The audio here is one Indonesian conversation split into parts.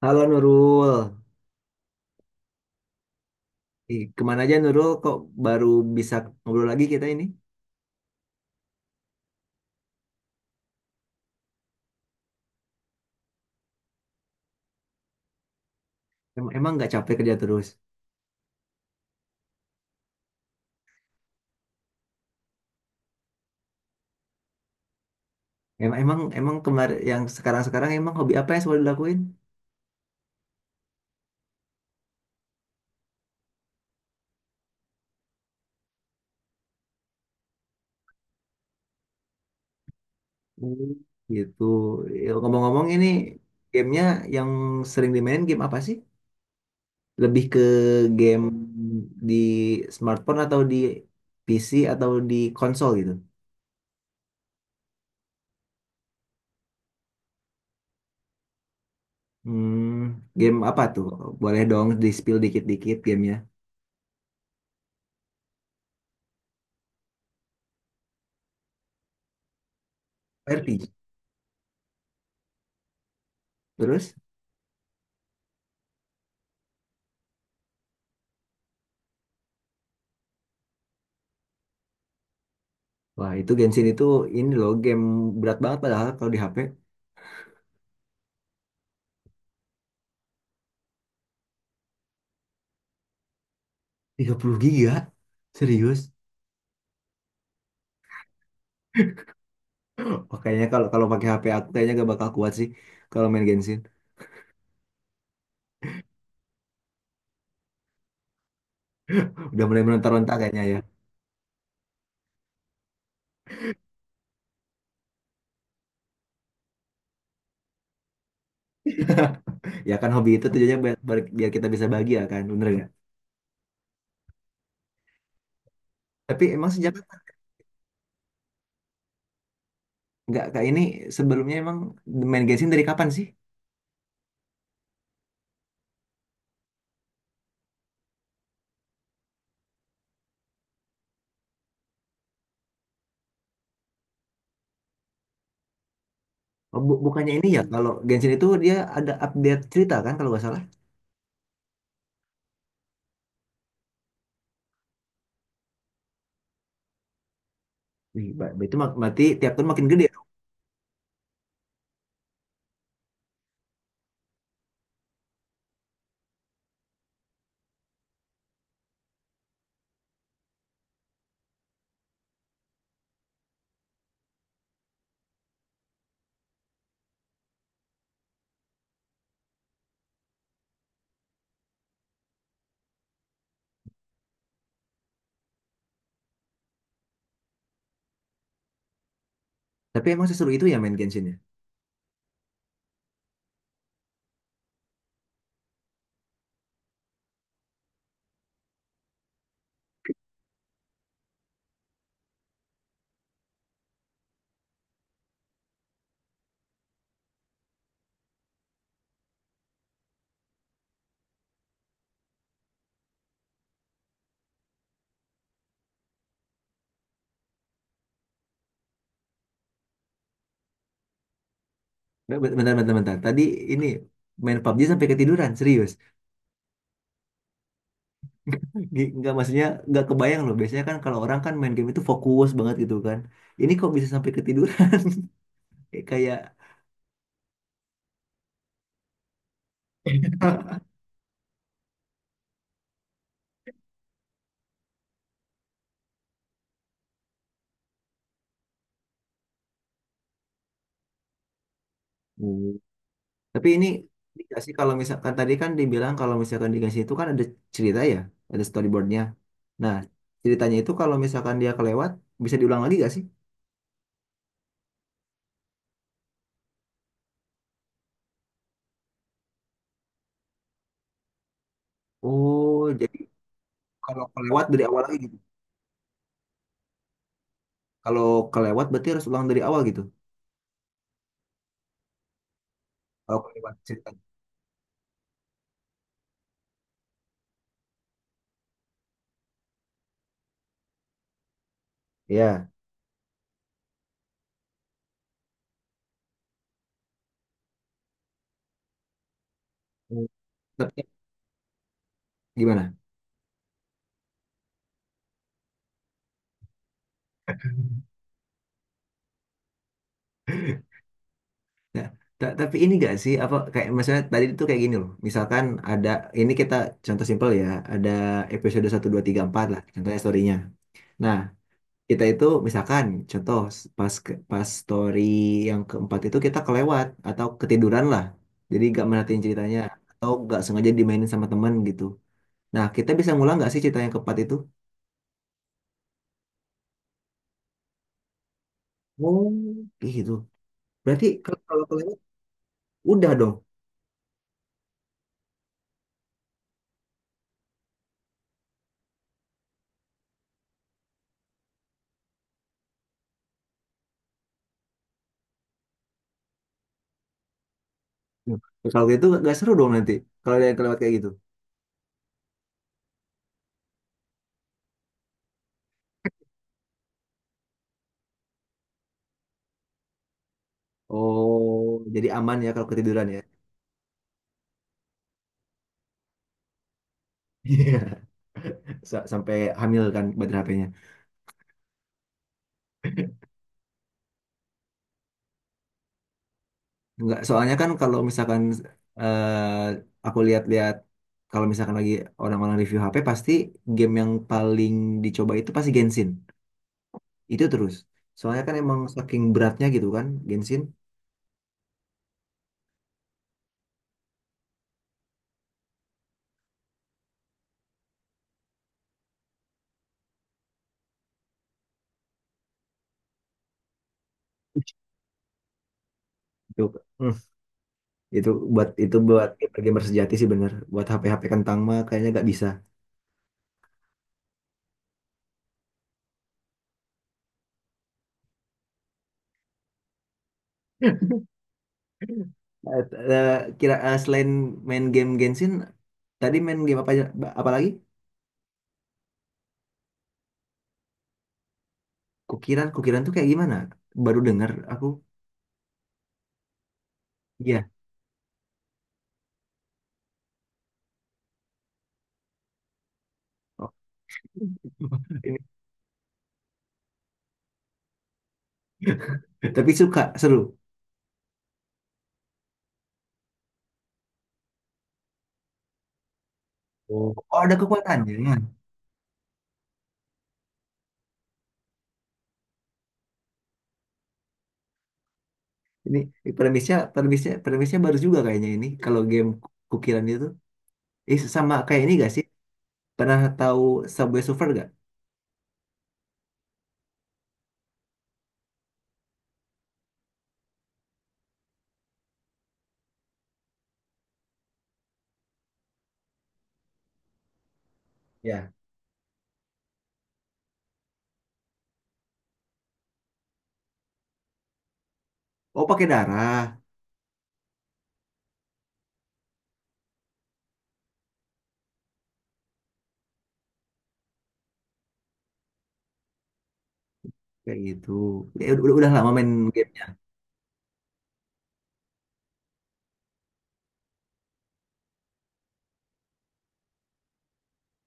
Halo Nurul. Ih, kemana aja, Nurul? Kok baru bisa ngobrol lagi kita ini? Emang nggak capek kerja terus? Emang emang emang kemarin yang sekarang-sekarang emang hobi apa yang selalu dilakuin? Hmm. Gitu. Ya, ngomong-ngomong ini gamenya yang sering dimainin game apa sih? Lebih ke game di smartphone atau di PC atau di konsol gitu? Hmm, game apa tuh? Boleh dong di-spill dikit-dikit gamenya. RPG. Terus? Wah, itu Genshin itu ini loh game berat banget padahal kalau di HP 30 giga. Serius. Makanya kalau kalau pakai HP aku kayaknya gak bakal kuat sih kalau main Genshin. Udah mulai meronta-ronta kayaknya ya. Ya kan hobi itu tujuannya biar kita bisa bahagia kan, bener nggak? Tapi emang sejak nggak kak ini sebelumnya emang main Genshin dari kapan sih? Oh, bukannya ini ya kalau Genshin itu dia ada update cerita kan kalau nggak salah? Wih, itu berarti tiap tahun makin gede. Tapi emang seseru itu ya main Genshin ya? Nggak, bentar, bentar, bentar. Tadi ini main PUBG sampai ketiduran, serius. Nggak maksudnya nggak kebayang loh. Biasanya kan kalau orang kan main game itu fokus banget gitu kan. Ini kok bisa sampai ketiduran? Kayak, kayak. Hmm. Tapi ini dikasih kalau misalkan tadi kan dibilang kalau misalkan dikasih itu kan ada cerita ya, ada storyboardnya. Nah, ceritanya itu kalau misalkan dia kelewat bisa diulang lagi gak sih? Oh, jadi kalau kelewat dari awal lagi gitu. Kalau kelewat berarti harus ulang dari awal gitu. Kalau kelewat ceritanya. Iya. Hmm. Tapi gimana? Nah, tapi ini gak sih apa kayak maksudnya tadi itu kayak gini loh. Misalkan ada ini kita contoh simpel ya, ada episode 1, 2, 3, 4 lah contohnya storynya. Nah, kita itu misalkan contoh pas story yang keempat itu kita kelewat atau ketiduran lah. Jadi gak merhatiin ceritanya atau gak sengaja dimainin sama temen gitu. Nah, kita bisa ngulang gak sih cerita yang keempat itu? Oh, gitu. Berarti kalau kalau kelewat udah dong. Nah, kalau gitu gak seru dong nanti. Kalau ada yang kelewat kayak gitu. Oh, jadi aman ya kalau ketiduran ya. Iya. Sampai hamil kan baterai HP-nya. Enggak, soalnya kan kalau misalkan eh, aku lihat-lihat kalau misalkan lagi orang-orang review HP pasti game yang paling dicoba itu pasti Genshin. Itu terus. Soalnya kan emang saking beratnya gitu kan Genshin. Itu hmm, itu itu buat gamer sejati sih bener. Buat HP-HP kentang mah kayaknya nggak bisa. Eh, eh, kira, selain main game Genshin. Tadi main game apa aja? Apa lagi? Kukiran, kukiran tuh kayak gimana? Baru dengar aku. Iya. Oh, ini. Tapi suka, seru. Oh. Oh, ada kekuatannya, ya. Ini, ini premisnya baru juga kayaknya ini. Kalau game kukiran itu, sama kayak ini gak sih? Pernah tahu Subway Surfer gak? Ya. Oh, pakai darah kayak gitu. Ya, udah lama main gamenya.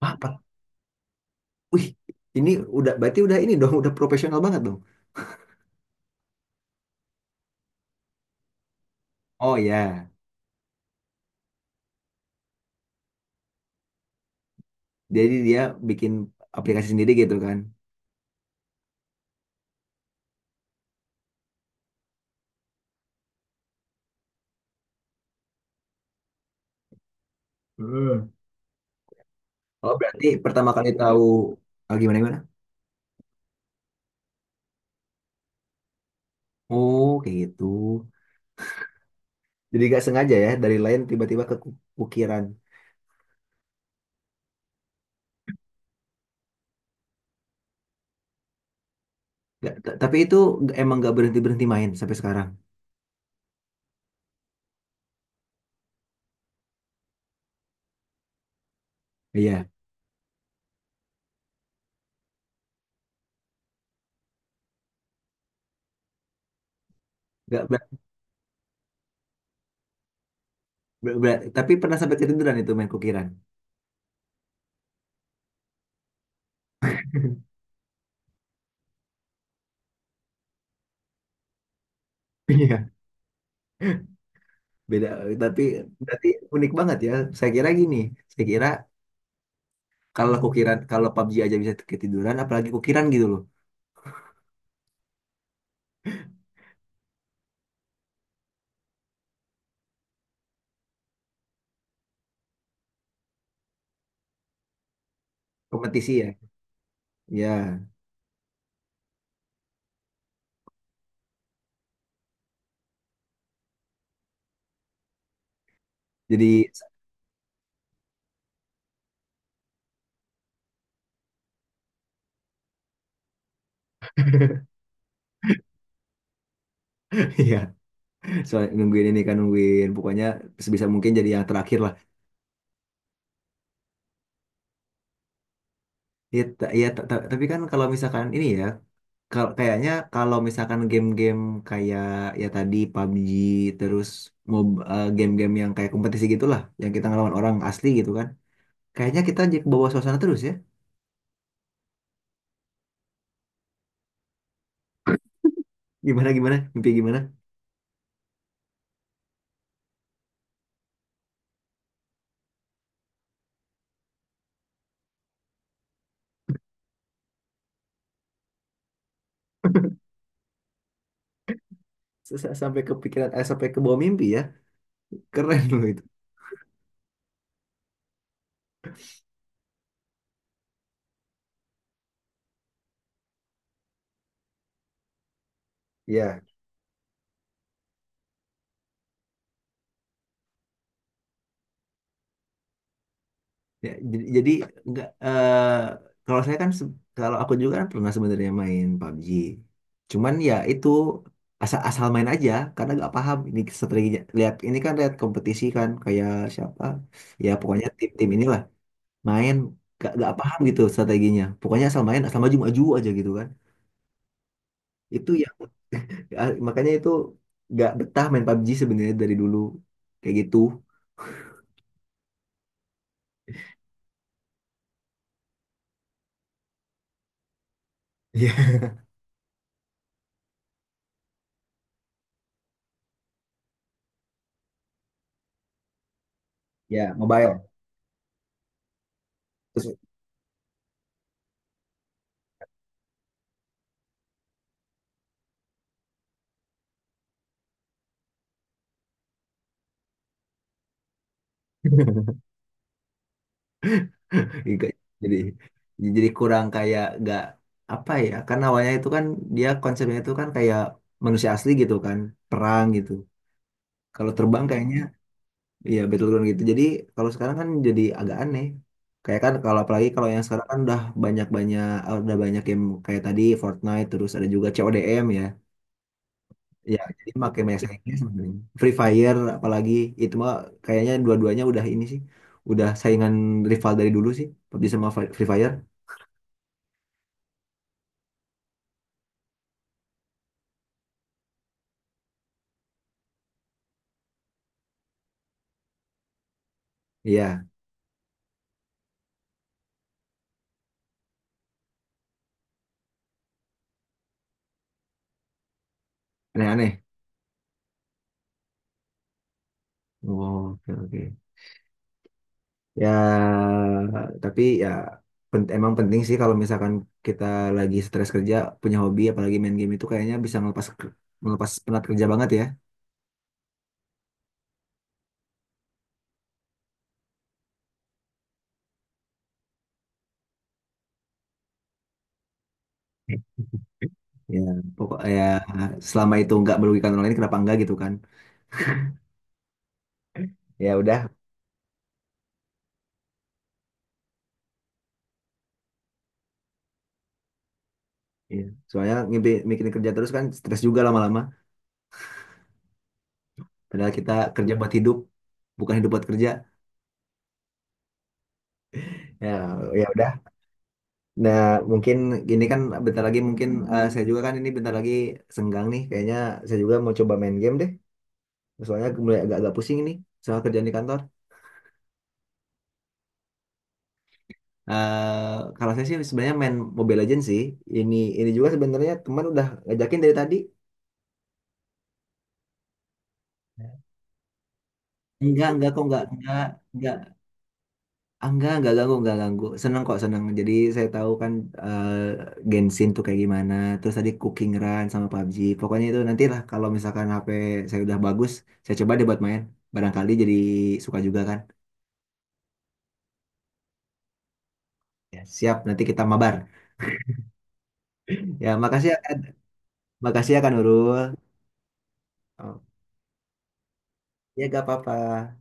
Wah, apa? Wih, ini udah berarti udah ini dong, udah profesional banget dong. Oh ya, jadi dia bikin aplikasi sendiri gitu kan. Hmm. Oh, berarti pertama kali tahu ah, gimana gimana? Oh, kayak gitu. Jadi gak sengaja ya dari lain tiba-tiba ke ukiran. Tapi itu emang gak berhenti berhenti main sampai sekarang. Iya. Gak ber- ber- ber- tapi pernah sampai ketiduran itu main kukiran. Iya. Beda. Tapi berarti unik banget ya. Saya kira gini. Saya kira kalau kukiran kalau PUBG aja bisa ketiduran, apalagi kukiran gitu loh. Kompetisi ya. Ya. Jadi. Iya. Soal nungguin ini kan nungguin pokoknya sebisa mungkin jadi yang terakhir lah. Ya, tapi kan kalau misalkan ini ya kayaknya kalau misalkan game-game kayak ya tadi PUBG terus mob game-game yang kayak kompetisi gitulah yang kita ngelawan orang asli gitu kan kayaknya kita jadi ke bawah suasana terus ya gimana, gimana mimpi, gimana? Sampai kepikiran sampai ke bawah mimpi ya, keren loh itu ya. Ya, jadi enggak kalau saya kan kalau aku juga kan pernah sebenarnya main PUBG. Cuman ya itu asal asal main aja karena nggak paham ini strateginya. Lihat ini kan lihat kompetisi kan kayak siapa ya pokoknya tim-tim inilah main nggak paham gitu strateginya. Pokoknya asal main asal maju-maju aja gitu kan. Itu ya, ya, makanya itu nggak betah main PUBG sebenarnya dari dulu kayak gitu. Iya. Ya mobile. Terus. Nggak- jadi jadi kurang kayak nggak apa ya kan awalnya itu kan dia konsepnya itu kan kayak manusia asli gitu kan perang gitu kalau terbang kayaknya ya battleground gitu jadi kalau sekarang kan jadi agak aneh kayak kan kalau apalagi kalau yang sekarang kan udah banyak-banyak udah banyak game kayak tadi Fortnite terus ada juga CODM ya ya jadi makin banyak saingnya sebenarnya Free Fire apalagi itu mah kayaknya dua-duanya udah ini sih udah saingan rival dari dulu sih PUBG sama Free Fire iya aneh-aneh. Oh, oke, oke. Ya, tapi ya emang penting sih kalau misalkan kita lagi stres kerja punya hobi apalagi main game itu kayaknya bisa melepas melepas penat kerja banget ya. Ya, pokok ya selama itu nggak merugikan orang lain kenapa enggak gitu kan. Ya udah. Ya. Soalnya ngimpi mikirin kerja terus kan stres juga lama-lama. Padahal kita kerja buat hidup, bukan hidup buat kerja. Ya, ya udah. Nah, mungkin gini kan bentar lagi mungkin saya juga kan ini bentar lagi senggang nih. Kayaknya saya juga mau coba main game deh. Soalnya mulai agak-agak pusing ini soal kerjaan di kantor. Eh, kalau saya sih sebenarnya main Mobile Legends sih. Ini juga sebenarnya teman udah ngajakin dari tadi. Enggak kok, enggak, enggak. Enggak ganggu, enggak ganggu. Seneng kok, seneng. Jadi saya tahu kan eh, Genshin tuh kayak gimana. Terus tadi Cooking Run sama PUBG. Pokoknya itu nantilah kalau misalkan HP saya udah bagus, saya coba deh buat main. Barangkali jadi suka juga kan. Ya, siap, nanti kita mabar. Ya, makasih ya, Kak. Makasih ya Kak Nurul. Oh, ya, gak apa-apa.